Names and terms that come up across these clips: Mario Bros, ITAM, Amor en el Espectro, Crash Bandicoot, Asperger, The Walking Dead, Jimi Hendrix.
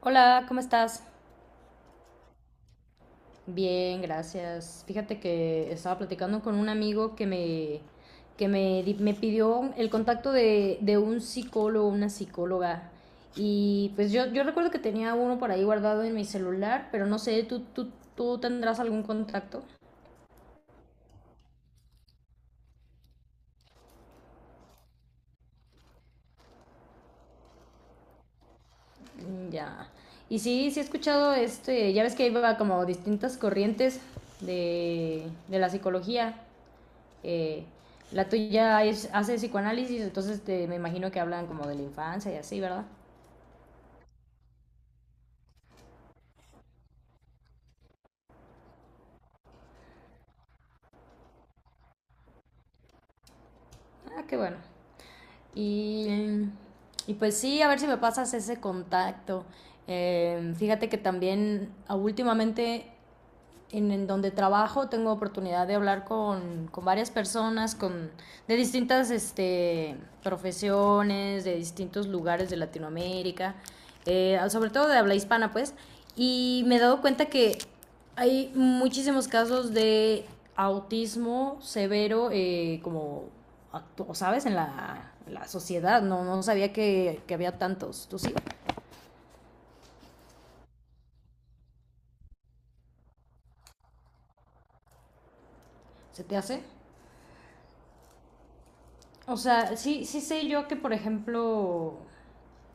Hola, ¿cómo estás? Bien, gracias. Fíjate que estaba platicando con un amigo que me pidió el contacto de un psicólogo, una psicóloga. Y pues yo recuerdo que tenía uno por ahí guardado en mi celular, pero no sé, ¿tú tendrás algún contacto? Mm. Ya. Y sí, sí he escuchado ya ves que como distintas corrientes de, de la psicología. Eh, la tuya es, hace psicoanálisis, entonces me imagino que hablan como de la infancia y así, ¿verdad? Ah, qué bueno. Y, y pues sí, a ver si me pasas ese contacto. Fíjate que también últimamente en donde trabajo tengo oportunidad de hablar con varias personas de distintas profesiones, de distintos lugares de Latinoamérica, sobre todo de habla hispana, pues, y me he dado cuenta que hay muchísimos casos de autismo severo, ¿sabes? En la sociedad, no sabía que había tantos. ¿Tú sí? ¿Se te hace? O sea, sí, sí sé yo que, por ejemplo,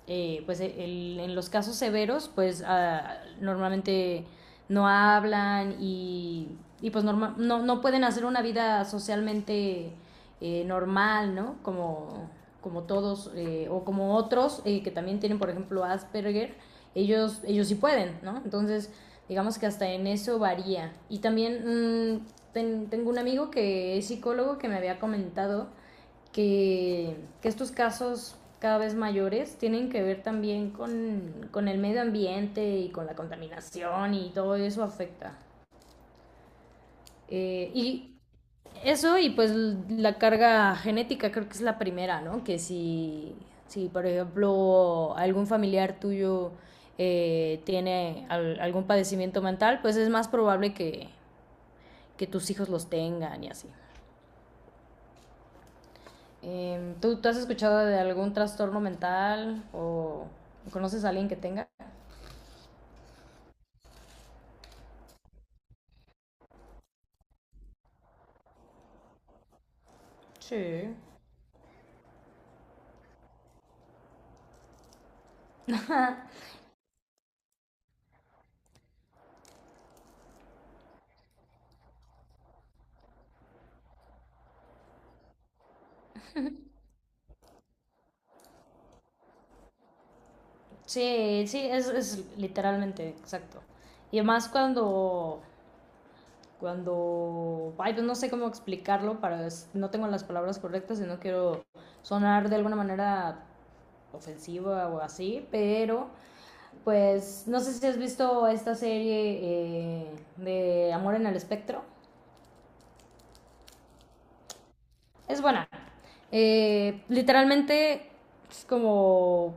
en los casos severos, pues normalmente no hablan y pues norma, no, no pueden hacer una vida socialmente normal, ¿no? Como, como todos o como otros que también tienen, por ejemplo, Asperger, ellos sí pueden, ¿no? Entonces, digamos que hasta en eso varía. Y también mmm, tengo un amigo que es psicólogo que me había comentado que, que estos casos cada vez mayores tienen que ver también con el medio ambiente y con la contaminación y todo eso afecta. Y eso y pues la carga genética creo que es la primera, ¿no? Que si, Si por ejemplo algún familiar tuyo algún padecimiento mental, pues es más probable que tus hijos los tengan y así. ¿Tú has escuchado de algún trastorno mental o conoces a alguien que tenga? Sí. Sí, sí, es literalmente, exacto. Y además cuando ay, pues no sé cómo explicarlo, no tengo las palabras correctas y no quiero sonar de alguna manera ofensiva o así, pero pues no sé si has visto esta serie de Amor en el Espectro. Es buena. Literalmente es como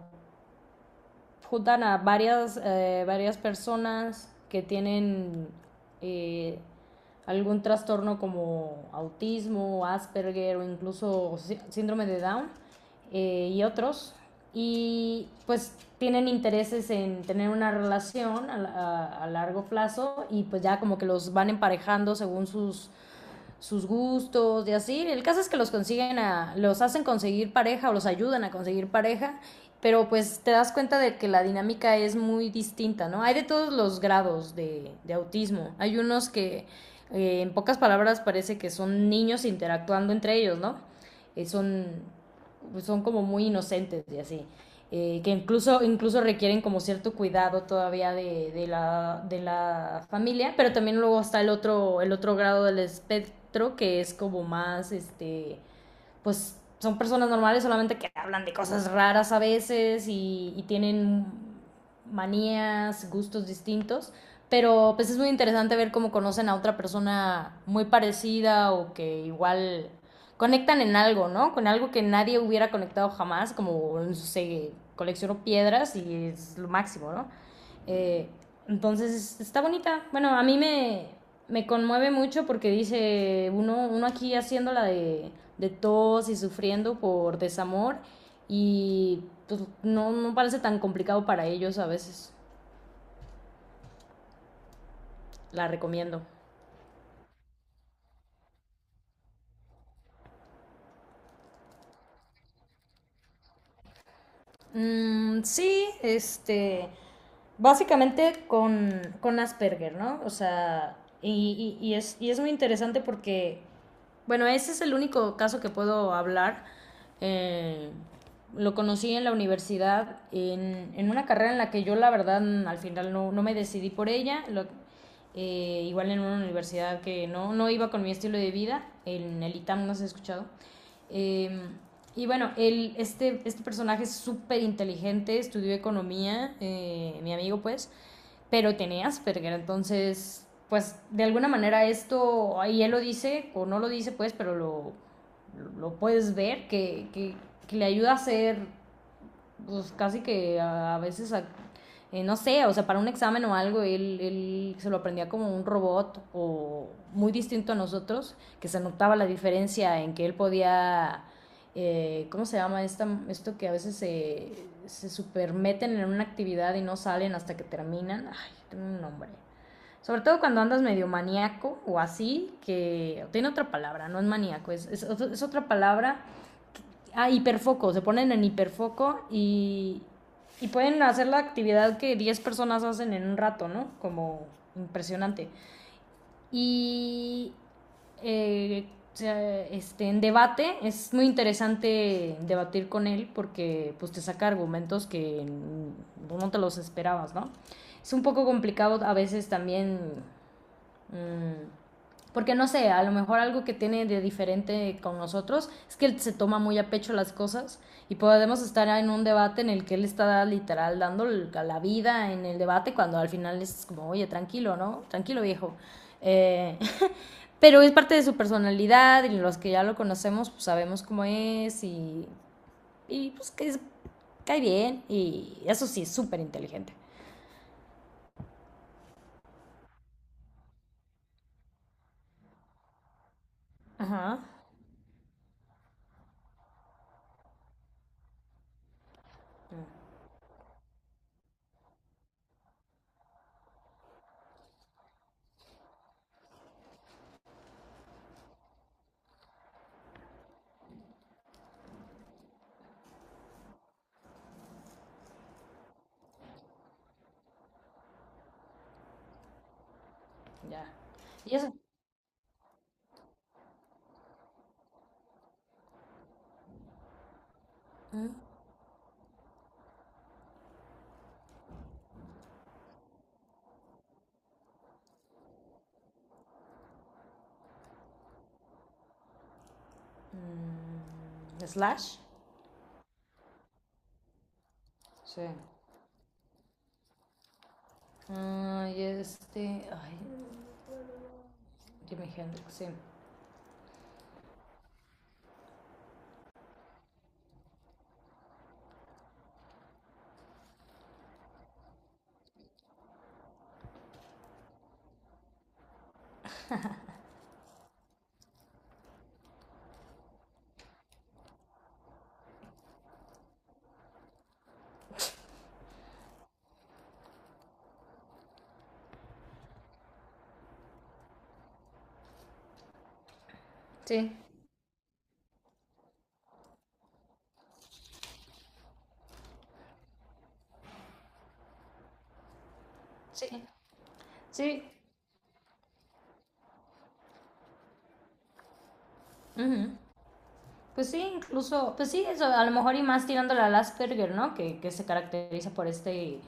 juntan a varias personas que tienen eh, algún trastorno como autismo, Asperger o incluso síndrome de Down, y otros. Y pues tienen intereses en tener una relación a largo plazo y pues ya como que los van emparejando según sus gustos y así. El caso es que los hacen conseguir pareja o los ayudan a conseguir pareja, pero pues te das cuenta de que la dinámica es muy distinta, ¿no? Hay de todos los grados de autismo. Hay unos que, en pocas palabras, parece que son niños interactuando entre ellos, ¿no? Eh, son, Son como muy inocentes y así, incluso requieren como cierto cuidado todavía de la familia, pero también luego está el otro grado del espectro que es como más, pues son personas normales, solamente que hablan de cosas raras a veces y tienen manías, gustos distintos. Pero pues es muy interesante ver cómo conocen a otra persona muy parecida o que igual conectan en algo, ¿no? Con algo que nadie hubiera conectado jamás, como no sé, colecciono piedras y es lo máximo, ¿no? Eh, entonces, está bonita. Bueno, me conmueve mucho porque dice uno, uno aquí haciendo la de tos y sufriendo por desamor y pues no, no parece tan complicado para ellos a veces. La recomiendo. Mm, sí, básicamente con Asperger, ¿no? O sea, y es muy interesante porque, bueno, ese es el único caso que puedo hablar. Eh, lo conocí en la universidad, en una carrera en la que yo la verdad al final no me decidí por ella, igual en una universidad que no iba con mi estilo de vida, en el ITAM no has escuchado. Eh, este personaje es súper inteligente, estudió economía, mi amigo pues, pero tenía Asperger, entonces, pues de alguna manera esto, ahí él lo dice, o no lo dice pues, pero lo puedes ver, que le ayuda a ser pues casi que no sé, o sea, para un examen o algo, él se lo aprendía como un robot o muy distinto a nosotros, que se notaba la diferencia en que él podía, ¿cómo se llama esto que a veces se supermeten en una actividad y no salen hasta que terminan? Ay, tengo un nombre. Sobre todo cuando andas medio maníaco o así, que tiene otra palabra, no es maníaco, es otra palabra. Ah, hiperfoco, se ponen en hiperfoco y pueden hacer la actividad que 10 personas hacen en un rato, ¿no? Como impresionante. Y eh, en debate es muy interesante debatir con él porque pues, te saca argumentos que no te los esperabas, ¿no? Es un poco complicado a veces también… Mmm, Porque no sé, a lo mejor algo que tiene de diferente con nosotros es que él se toma muy a pecho las cosas y podemos estar en un debate en el que él está literal dando la vida en el debate cuando al final es como, oye, tranquilo, ¿no? Tranquilo viejo. Eh, pero es parte de su personalidad y los que ya lo conocemos pues sabemos cómo es y pues que es, cae bien y eso sí, es súper inteligente. Ajá, ya. ¿Y eso? Mm, ¿Slash? Sí. Ay, este. Ay, Jimi Hendrix, sí. Sí. Sí. Sí. Ujú. Pues sí, incluso. Pues sí, eso, a lo mejor y más tirándole al Asperger, ¿no? Que se caracteriza por este.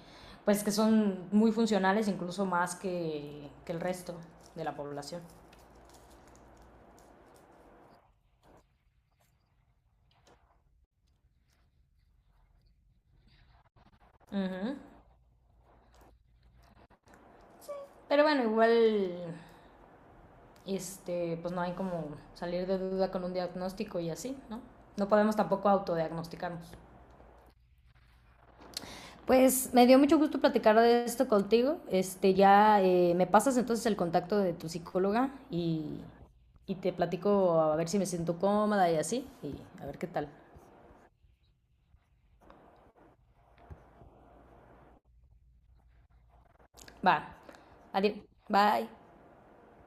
Pues que son muy funcionales, incluso más que el resto de la población. Ujú. Pero bueno, igual. Este, pues no hay como salir de duda con un diagnóstico y así, ¿no? No podemos tampoco autodiagnosticarnos. Pues me dio mucho gusto platicar de esto contigo. Me pasas entonces el contacto de tu psicóloga y te platico a ver si me siento cómoda y así, y a ver qué tal. Va, adiós, bye.